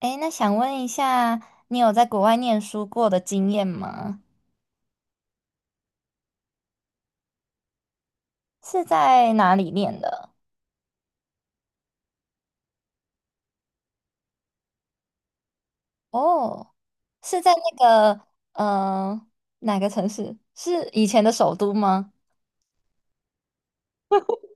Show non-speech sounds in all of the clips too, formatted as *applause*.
诶，那想问一下，你有在国外念书过的经验吗？是在哪里念的？哦，是在那个呃哪个城市？是以前的首都吗？*laughs* 真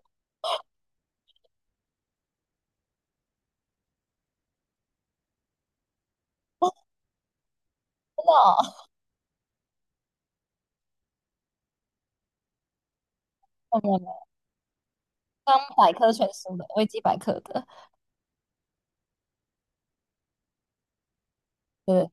的哦，没有没有，刚百科全书的，维基百科的。对，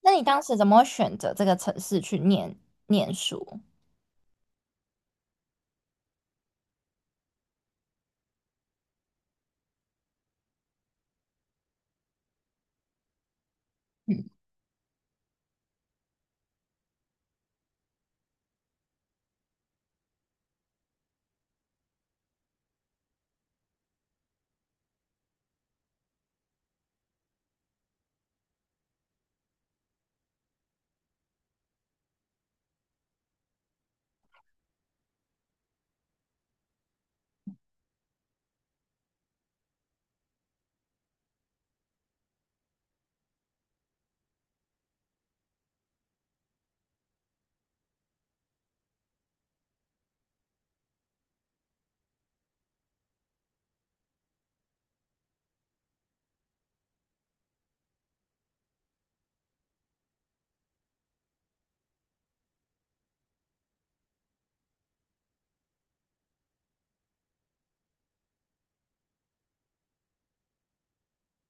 那你当时怎么会选择这个城市去念书？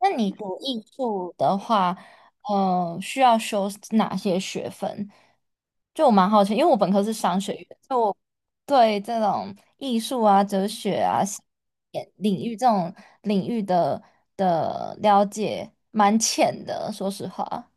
那你读艺术的话，需要修哪些学分？就我蛮好奇，因为我本科是商学院，就我对这种艺术啊、哲学啊领域这种领域的了解蛮浅的，说实话，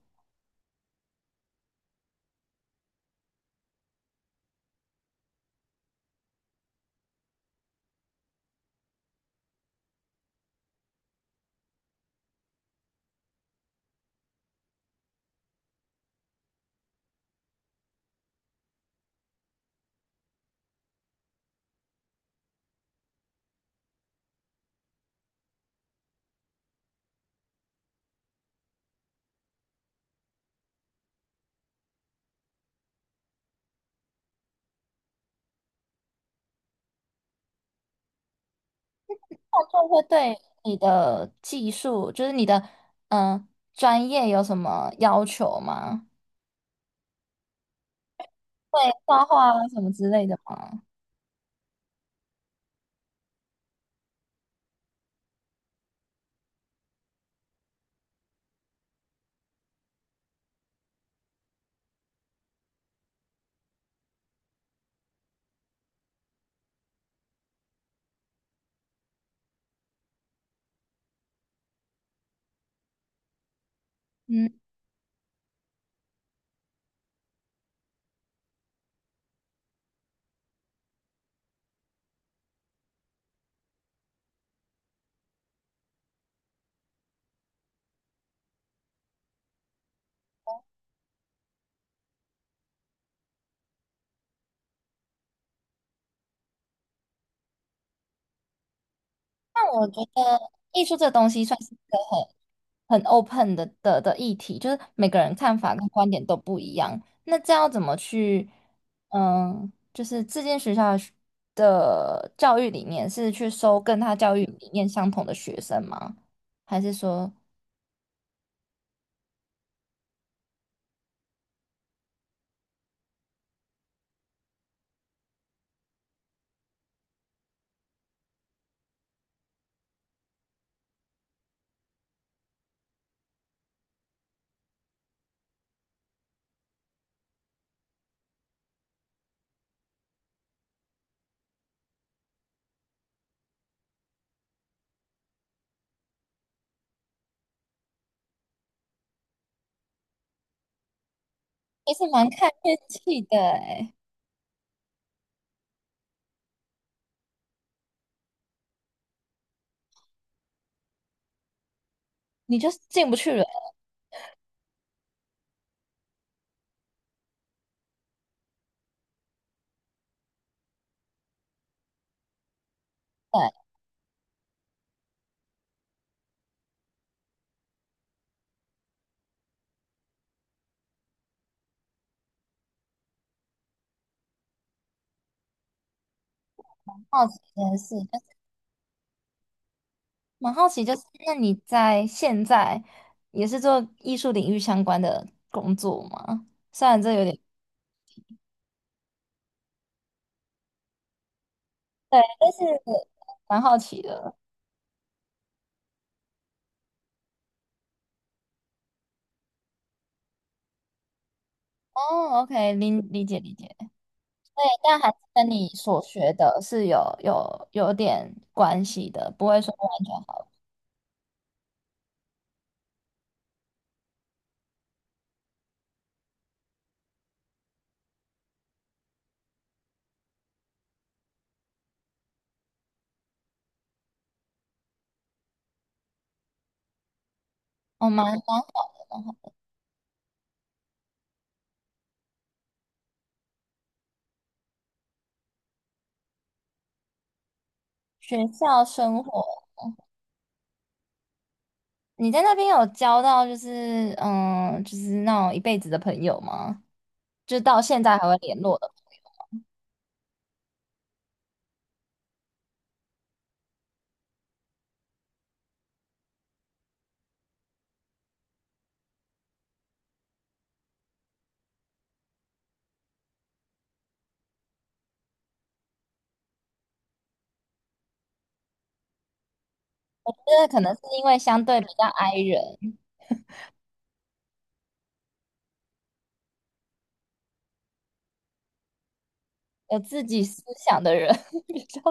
就会对你的技术，就是你的嗯、呃专业有什么要求吗？会画画啊什么之类的吗？嗯，那我觉得艺术这东西算是一个很很 open 的议题，就是每个人看法跟观点都不一样。那这样要怎么去，嗯，就是这间学校的的教育理念是去收跟他教育理念相同的学生吗？还是说其是蛮看运气的诶，你就是进不去了。对，好奇这件事，就是蛮好奇，就是那你在现在也是做艺术领域相关的工作吗？虽然这有点对，但是蛮好奇的。哦，OK，理解理解，哎但还是跟你所学的是有有点关系的，不会说完全好。我们 *laughs* 学校生活，你在那边有交到就是嗯，就是那种一辈子的朋友吗？就到现在还会联络的因为可能是因为相对比较 i 人，有自己思想的人 *laughs* 比较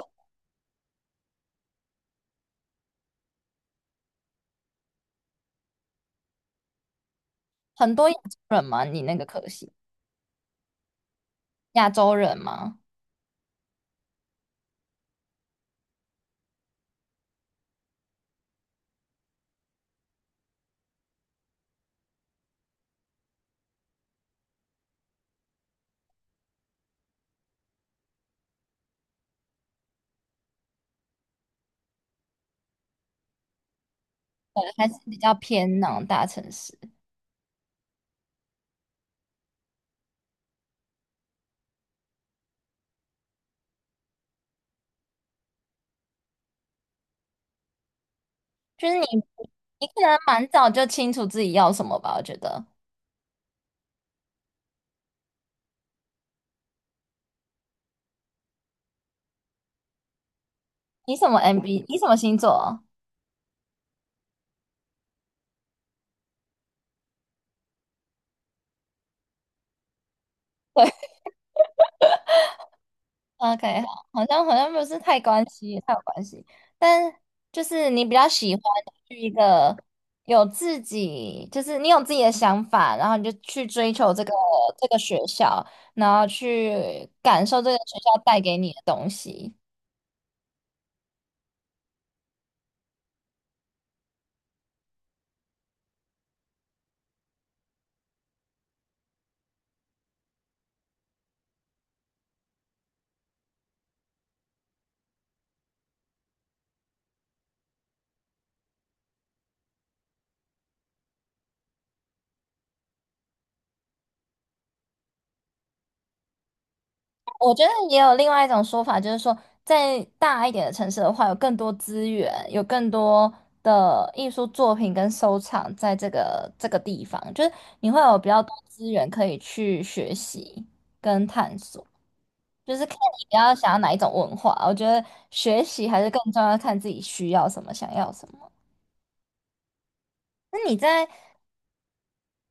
很多亚洲人吗？你那个可系亚洲人吗？还是比较偏那种大城市？就是你。你可能蛮早就清楚自己要什么吧，我觉得。你什么 MB？你什么星座？OK，好，好像不是太关系，太有关系。但就是你比较喜欢去一个有自己，就是你有自己的想法，然后你就去追求这个学校，然后去感受这个学校带给你的东西。我觉得也有另外一种说法，就是说，在大一点的城市的话，有更多资源，有更多的艺术作品跟收藏在这个地方，就是你会有比较多资源可以去学习跟探索，就是看你比较想要哪一种文化。我觉得学习还是更重要，看自己需要什么，想要什么。那你在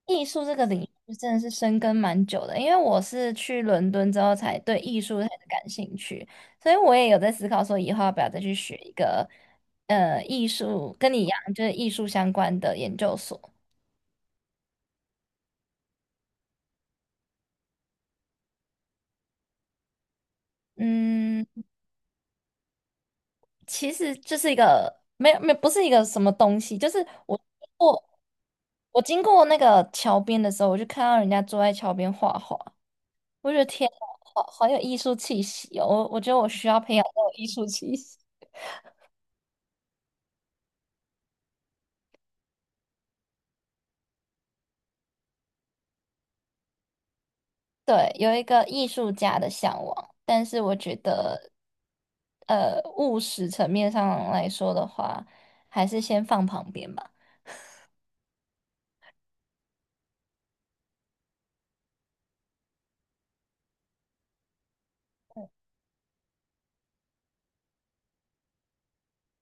艺术这个领域真的是深耕蛮久的，因为我是去伦敦之后才对艺术开始感兴趣，所以我也有在思考说以后要不要再去学一个艺术，跟你一样就是艺术相关的研究所。嗯，其实就是一个没有没有不是一个什么东西，就是我经过那个桥边的时候，我就看到人家坐在桥边画画，我觉得天啊，好好有艺术气息哦，我觉得我需要培养这种艺术气息。对，有一个艺术家的向往，但是我觉得，务实层面上来说的话，还是先放旁边吧。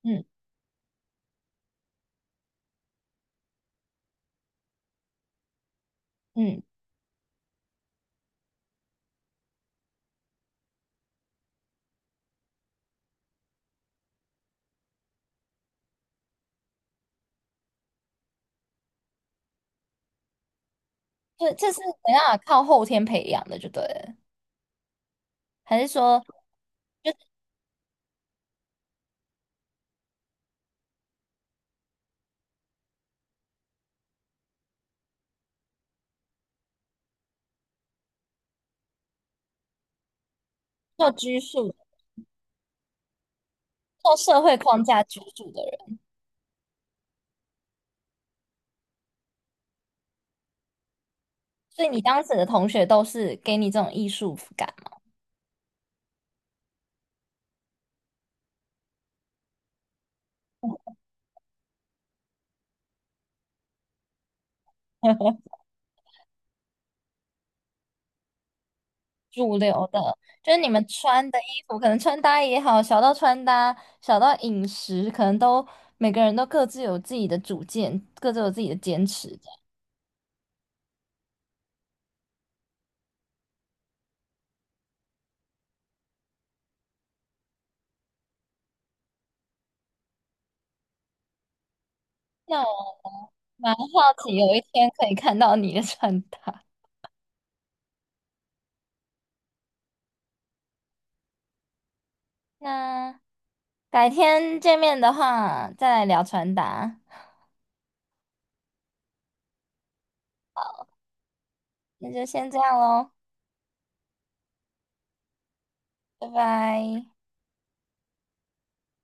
嗯嗯，这这是怎样法靠后天培养的，就对了，还是说受拘束、受社会框架拘束的人？所以你当时的同学都是给你这种艺术感吗？*laughs* 主流的，就是你们穿的衣服，可能穿搭也好，小到穿搭，小到饮食，可能都每个人都各自有自己的主见，各自有自己的坚持的。那我蛮好奇，有一天可以看到你的穿搭。*laughs* 那改天见面的话，再来聊穿搭。那就先这样喽，拜拜。